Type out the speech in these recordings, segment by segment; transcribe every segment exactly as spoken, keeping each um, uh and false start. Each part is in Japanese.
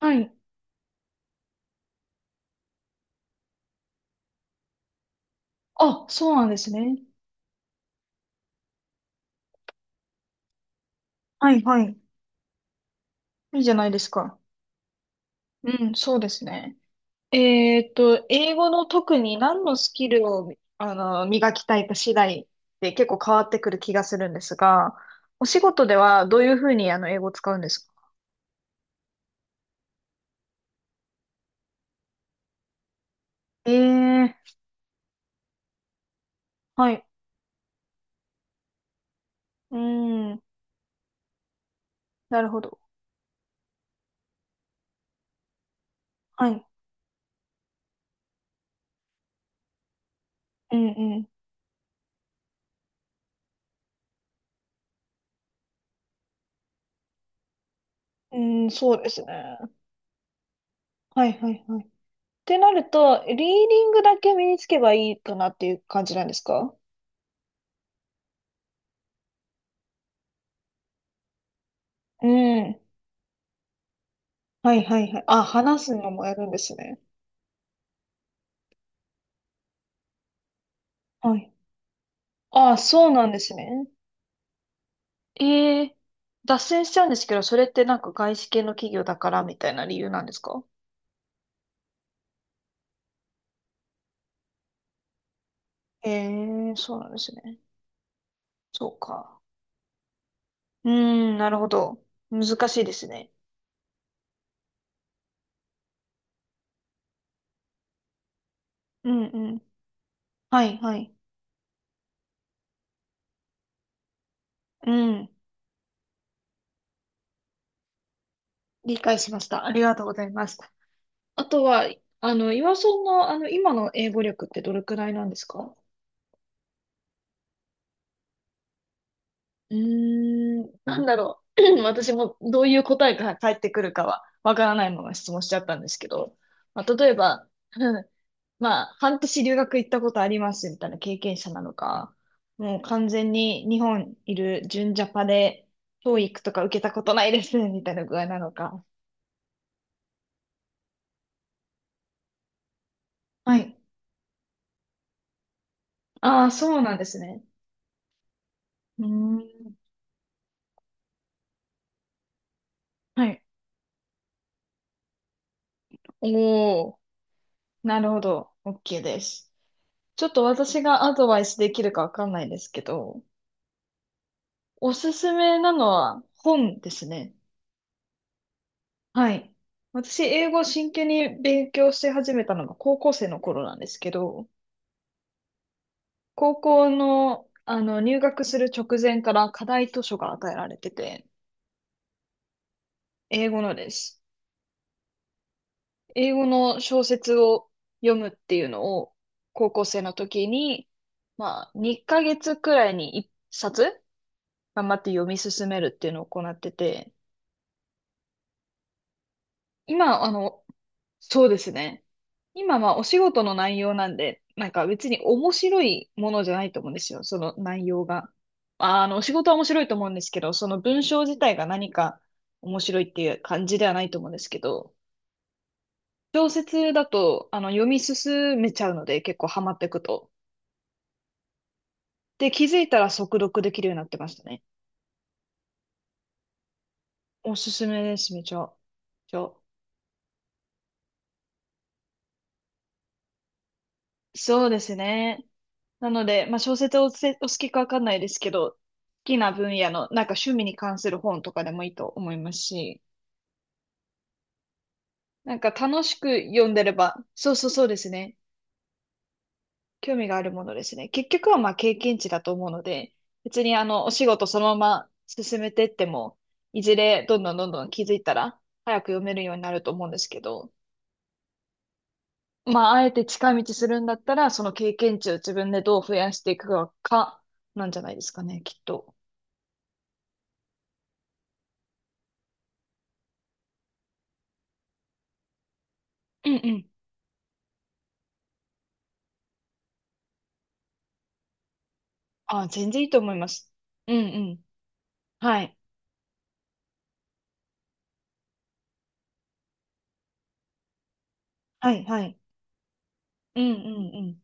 はい。あ、そうなんですね。はいはい。いいじゃないですか。うん、そうですね。えーっと、英語の特に何のスキルを、あの、磨きたいか次第で結構変わってくる気がするんですが、お仕事ではどういうふうにあの英語を使うんですか？ええー、はい。うん、なるほど。はい。うんうん。うん、そうですね。はいはいはい。ってなると、リーディングだけ身につけばいいかなっていう感じなんですか？うん。はいはいはい。あ、話すのもやるんですね。はい。あ、そうなんですね。ええ脱線しちゃうんですけど、それってなんか外資系の企業だからみたいな理由なんですか？ええ、そうなんですね。そうか。うーん、なるほど。難しいですね。うんうん。はいはい。うん。理解しました。ありがとうございます。あとは、あの、岩尾さんの、あの、今の英語力ってどれくらいなんですか？うーん、なんだろう。私もどういう答えが返ってくるかはわからないまま質問しちゃったんですけど、まあ、例えば、うん、まあ、半年留学行ったことありますみたいな経験者なのか、もう完全に日本いる純ジャパで教育とか受けたことないですみたいな具合なのか。はい。ああ、そうなんですね。うーん。はい。おお、なるほど。OK です。ちょっと私がアドバイスできるかわかんないですけど、おすすめなのは本ですね。はい。私、英語を真剣に勉強し始めたのが高校生の頃なんですけど、高校の、あの入学する直前から課題図書が与えられてて、英語のです。英語の小説を読むっていうのを高校生の時に、まあ、にかげつくらいにいっさつ頑張って読み進めるっていうのを行ってて、今、あの、そうですね。今はお仕事の内容なんで、なんか別に面白いものじゃないと思うんですよ、その内容が。あー、あの、お仕事は面白いと思うんですけど、その文章自体が何か面白いっていう感じではないと思うんですけど、小説だと、あの、読み進めちゃうので、結構ハマっていくと。で、気づいたら速読できるようになってましたね。おすすめです、めちゃ。めちゃそうですね。なので、まあ、小説をおせ、お好きかわかんないですけど、好きな分野の、なんか趣味に関する本とかでもいいと思いますし、なんか楽しく読んでれば、そうそうそうですね。興味があるものですね。結局はまあ経験値だと思うので、別にあの、お仕事そのまま進めてっても、いずれどんどんどんどん気づいたら、早く読めるようになると思うんですけど、まあ、あえて近道するんだったら、その経験値を自分でどう増やしていくか、なんじゃないですかね、きっと。うんうん。あ、全然いいと思います。うんうん。はい。はい、はい。うんうんうん。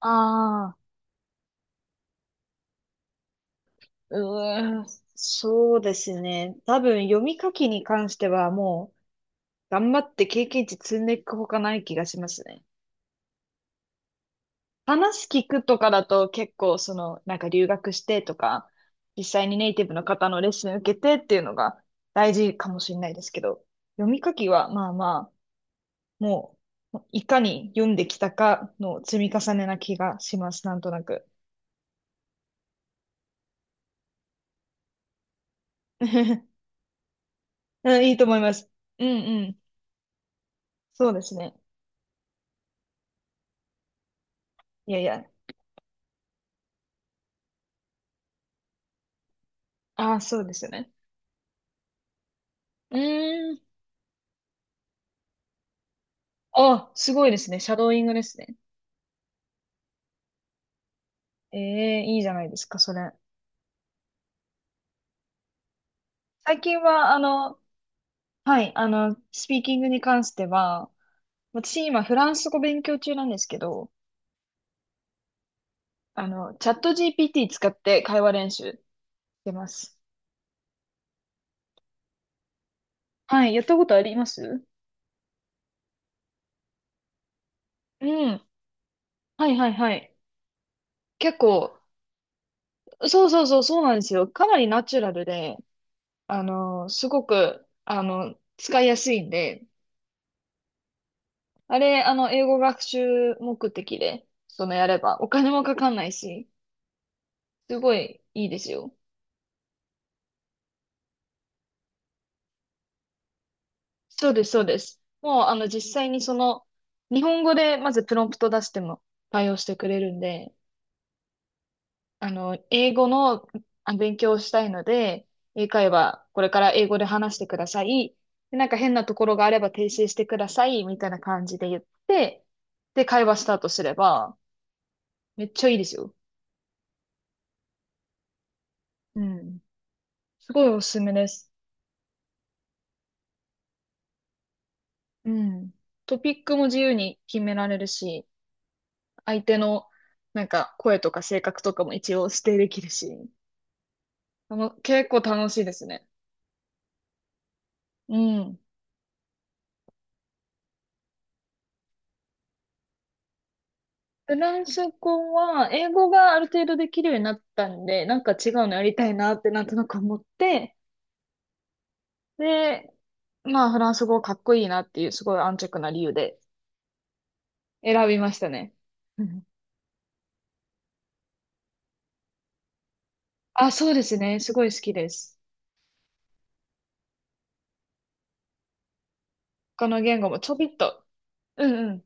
ああ、うーん、そうですね。多分、読み書きに関してはもう、頑張って経験値積んでいくほかない気がしますね。話聞くとかだと結構、その、なんか留学してとか、実際にネイティブの方のレッスン受けてっていうのが大事かもしれないですけど、読み書きはまあまあ、もう、いかに読んできたかの積み重ねな気がします、なんとなく。うん、いいと思います。うんうん。そうですね。いやいや。ああ、そうですよね。うーん。あ、すごいですね。シャドーイングですね。ええ、いいじゃないですか、それ。最近は、あの、はい、あの、スピーキングに関しては、私今フランス語勉強中なんですけど、あの、チャット ジーピーティー 使って会話練習してます。はい、やったことあります。うん。はいはいはい。結構、そうそうそう、そうなんですよ。かなりナチュラルで、あの、すごく、あの、使いやすいんで、あれ、あの、英語学習目的で、そのやれば、お金もかかんないし、すごいいいですよ。そうです、そうです。もう、あの、実際にその、日本語でまずプロンプト出しても対応してくれるんで、あの、英語のあ勉強をしたいので、英会話、これから英語で話してください。で、なんか変なところがあれば訂正してください、みたいな感じで言って、で、会話スタートすれば、めっちゃいいですよ。うん。すごいおすすめです。うん。トピックも自由に決められるし、相手のなんか声とか性格とかも一応指定できるし、あの、結構楽しいですね。うん。フランス語は、英語がある程度できるようになったんで、なんか違うのやりたいなってなんとなく思って、で、まあフランス語かっこいいなっていうすごい安直な理由で選びましたね。うん。あ、そうですね。すごい好きです。他の言語もちょびっと、うんうん、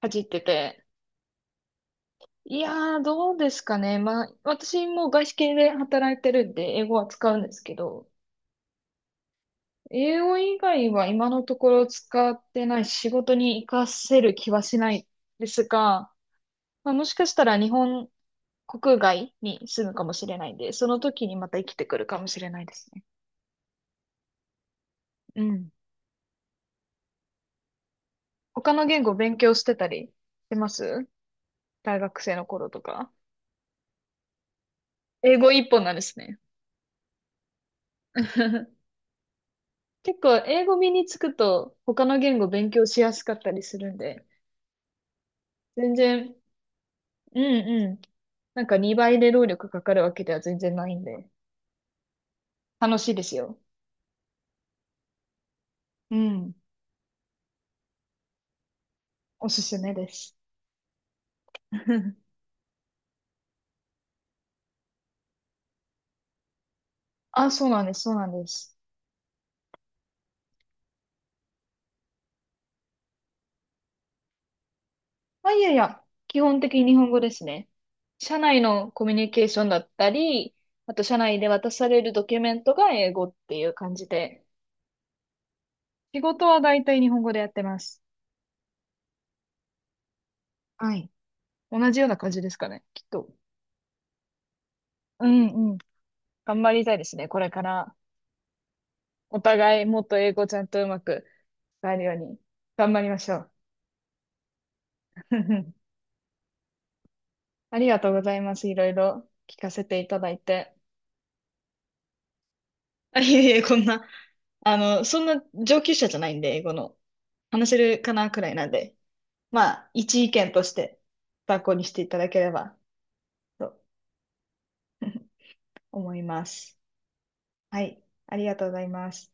かってて。いやー、どうですかね。まあ、私も外資系で働いてるんで、英語は使うんですけど、英語以外は今のところ使ってないし仕事に活かせる気はしないですが、まあ、もしかしたら日本国外に住むかもしれないんで、その時にまた生きてくるかもしれないですね。うん。他の言語勉強してたりしてます？大学生の頃とか。英語一本なんですね。結構英語身につくと他の言語勉強しやすかったりするんで、全然、うんうん。なんかにばいで労力かかるわけでは全然ないんで。楽しいですよ。うん。おすすめです。あ、そうなんです、そうなんです。まあ、いやいや、基本的に日本語ですね。社内のコミュニケーションだったり、あと社内で渡されるドキュメントが英語っていう感じで、仕事は大体日本語でやってます。はい。同じような感じですかね、きっと。うんうん。頑張りたいですね、これから。お互いもっと英語ちゃんとうまく使えるように頑張りましょう。ありがとうございます。いろいろ聞かせていただいて。あ、いえいえ、こんな、あの、そんな上級者じゃないんで、英語の。話せるかなくらいなんで、まあ、一意見として参考にしていただければと 思います。はい、ありがとうございます。